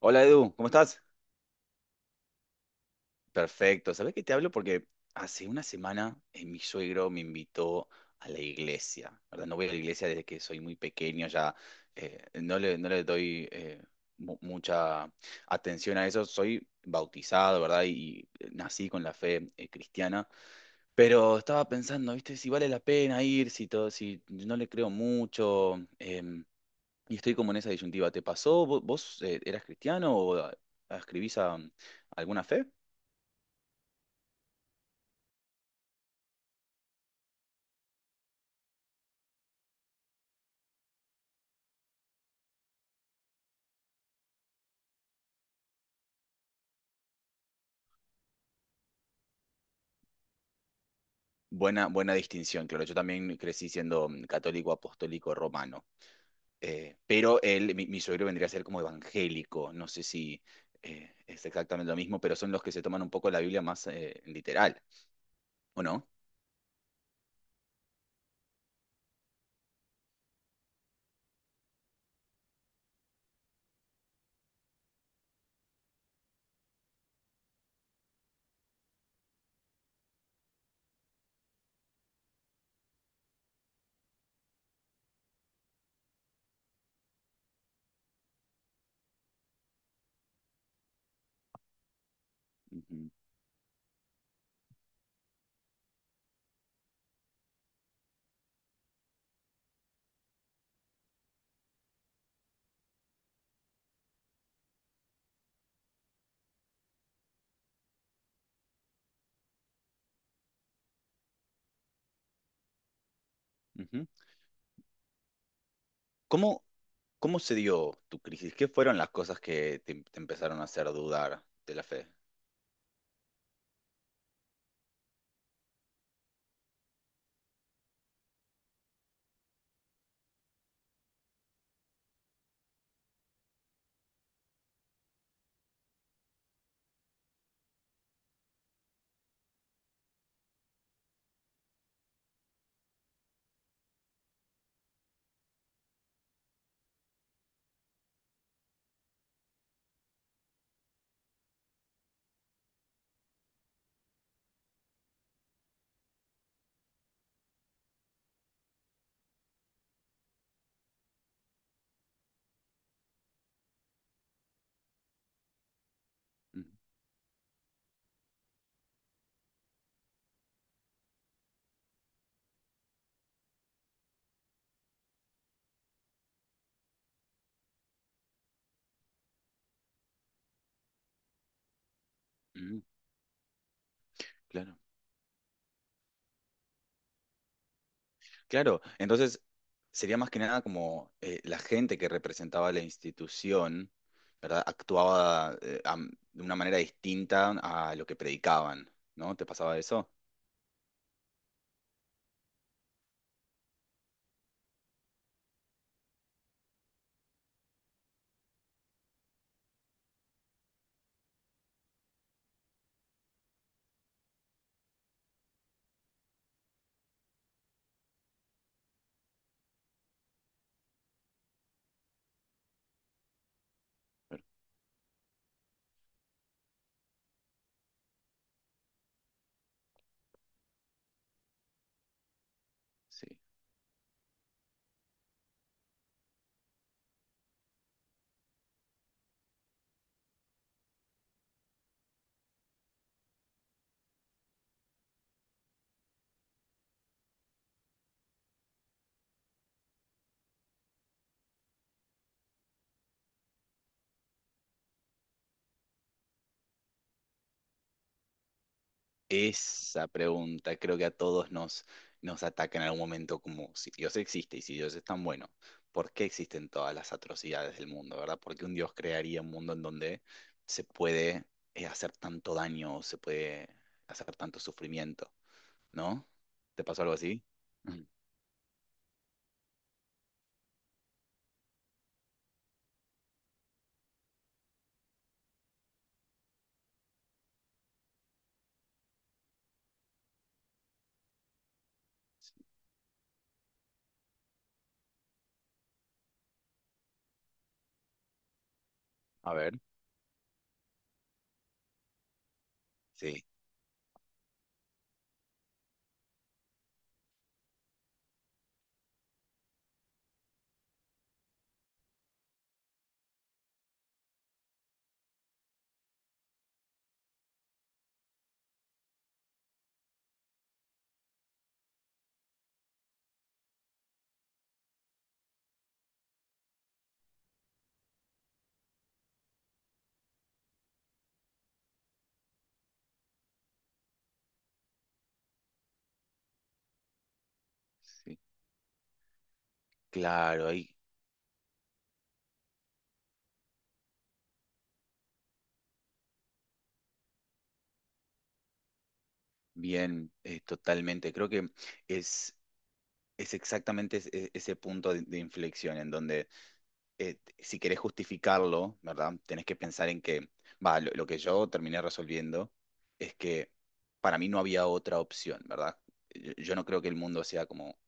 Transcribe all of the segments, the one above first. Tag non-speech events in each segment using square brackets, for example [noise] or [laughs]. Hola Edu, ¿cómo estás? Perfecto. ¿Sabés que te hablo? Porque hace una semana mi suegro me invitó a la iglesia, ¿verdad? No voy a la iglesia desde que soy muy pequeño, ya no le doy mucha atención a eso. Soy bautizado, ¿verdad? Y nací con la fe cristiana, pero estaba pensando, ¿viste? Si vale la pena ir, si todo, si no le creo mucho. Y estoy como en esa disyuntiva. ¿Te pasó? ¿Vos, eras cristiano o escribís a alguna fe? Buena, buena distinción, claro. Yo también crecí siendo católico, apostólico, romano. Pero él, mi suegro vendría a ser como evangélico. No sé si es exactamente lo mismo, pero son los que se toman un poco la Biblia más literal, ¿o no? Ujú, ujú. ¿Cómo, cómo se dio tu crisis? ¿Qué fueron las cosas que te empezaron a hacer dudar de la fe? Ujú, ujú, claro. Claro, entonces sería más que nada como la gente que representaba la institución, ¿verdad? Actuaba de una manera distinta a lo que predicaban, ¿no? ¿Te pasaba eso? Sí. Esa pregunta creo que a todos nos ataca en algún momento, como si Dios existe y si Dios es tan bueno, ¿por qué existen todas las atrocidades del mundo, ¿verdad? ¿Por qué un Dios crearía un mundo en donde se puede hacer tanto daño, se puede hacer tanto sufrimiento? ¿No? ¿Te pasó algo así? Ujú. A ver, sí, sí, claro, ahí, bien, totalmente. Creo que es, es exactamente ese punto de inflexión en donde si querés justificarlo, ¿verdad? Tenés que pensar en que, va, lo que yo terminé resolviendo es que para mí no había otra opción, ¿verdad? Yo no creo que el mundo sea como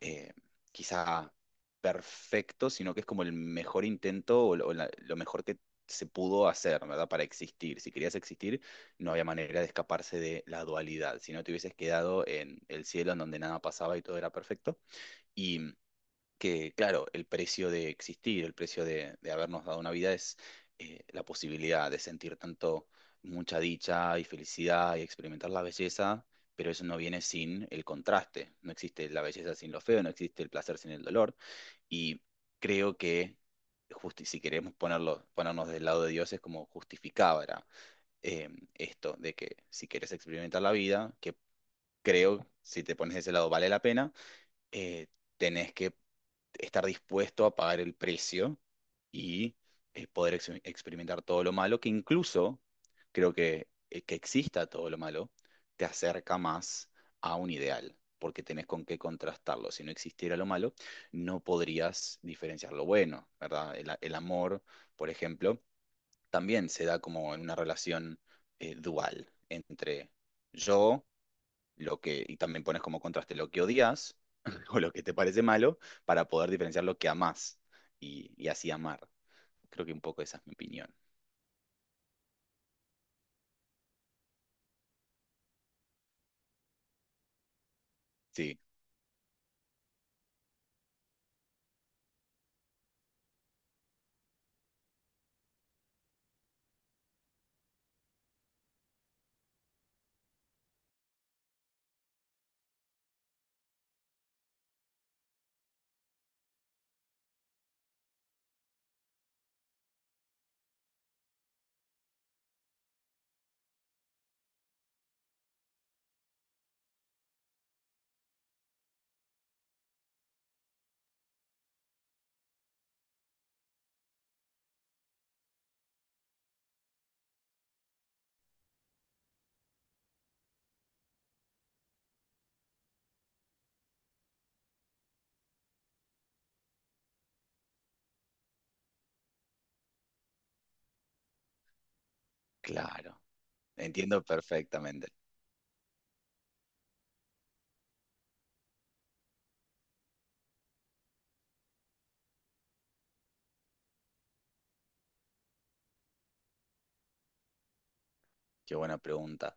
eh, quizá perfecto, sino que es como el mejor intento o, lo, o lo mejor que se pudo hacer, ¿verdad? Para existir. Si querías existir, no había manera de escaparse de la dualidad. Si no, te hubieses quedado en el cielo en donde nada pasaba y todo era perfecto. Y que, claro, el precio de existir, el precio de habernos dado una vida es la posibilidad de sentir tanto mucha dicha y felicidad y experimentar la belleza, pero eso no viene sin el contraste. No existe la belleza sin lo feo, no existe el placer sin el dolor. Y creo que, si queremos ponerlo, ponernos del lado de Dios, es como justificaba esto de que si quieres experimentar la vida, que creo, si te pones de ese lado, vale la pena eh, tenés que estar dispuesto a pagar el precio y poder experimentar todo lo malo, que incluso creo que exista todo lo malo, te acerca más a un ideal, porque tenés con qué contrastarlo. Si no existiera lo malo, no podrías diferenciar lo bueno, ¿verdad? El amor, por ejemplo, también se da como en una relación dual entre yo lo que, y también pones como contraste lo que odias [laughs] o lo que te parece malo para poder diferenciar lo que amás y así amar. Creo que un poco esa es mi opinión. Sí, claro, entiendo perfectamente. Qué buena pregunta.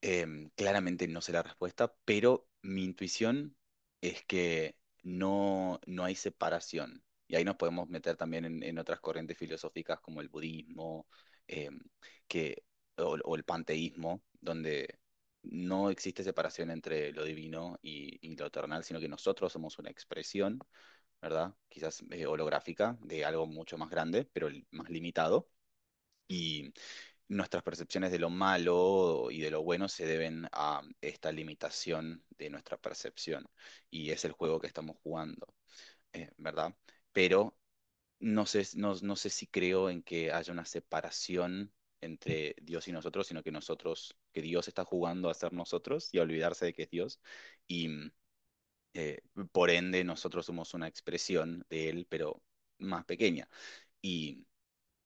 Claramente no sé la respuesta, pero mi intuición es que no, no hay separación. Y ahí nos podemos meter también en otras corrientes filosóficas como el budismo, em, que, o el panteísmo, donde no existe separación entre lo divino y lo terrenal, sino que nosotros somos una expresión, ¿verdad? Quizás holográfica de algo mucho más grande, pero más limitado, nuestras percepciones de lo malo y de lo bueno se deben a esta limitación de nuestra percepción y es el juego que estamos jugando, ¿verdad? Pero no sé, no, no sé si creo en que haya una separación entre Dios y nosotros, sino que nosotros, que Dios está jugando a ser nosotros y a olvidarse de que es Dios y eh, por ende nosotros somos una expresión de Él, pero más pequeña. Y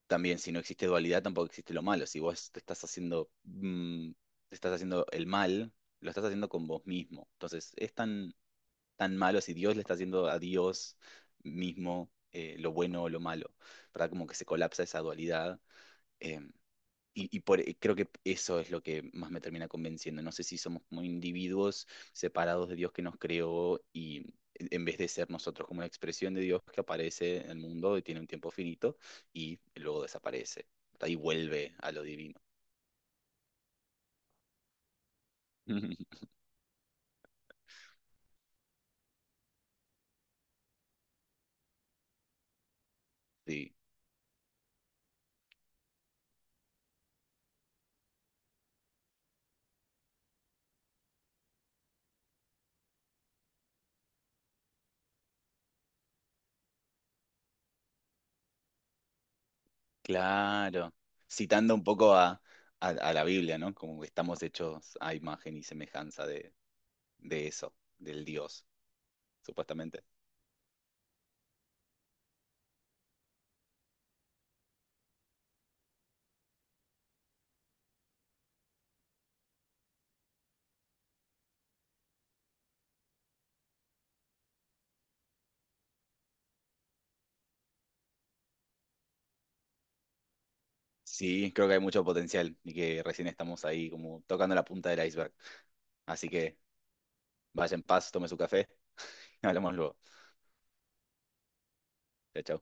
también si no existe dualidad, tampoco existe lo malo. Si vos te estás haciendo, te estás haciendo el mal, lo estás haciendo con vos mismo. Entonces, es tan, tan malo si Dios le está haciendo a Dios mismo lo bueno o lo malo, ¿verdad? Como que se colapsa esa dualidad. em, y, y por, y creo que eso es lo que más me termina convenciendo. No sé si somos como individuos separados de Dios que nos creó y en vez de ser nosotros como una expresión de Dios que aparece en el mundo y tiene un tiempo finito y luego desaparece. Ahí vuelve a lo divino. [laughs] Sí, claro. Citando un poco a la Biblia, ¿no? Como que estamos hechos a imagen y semejanza de eso, del Dios, supuestamente. Sí, creo que hay mucho potencial y que recién estamos ahí como tocando la punta del iceberg. Así que vaya en paz, tome su café. [laughs] Hablamos luego. Chao, chao.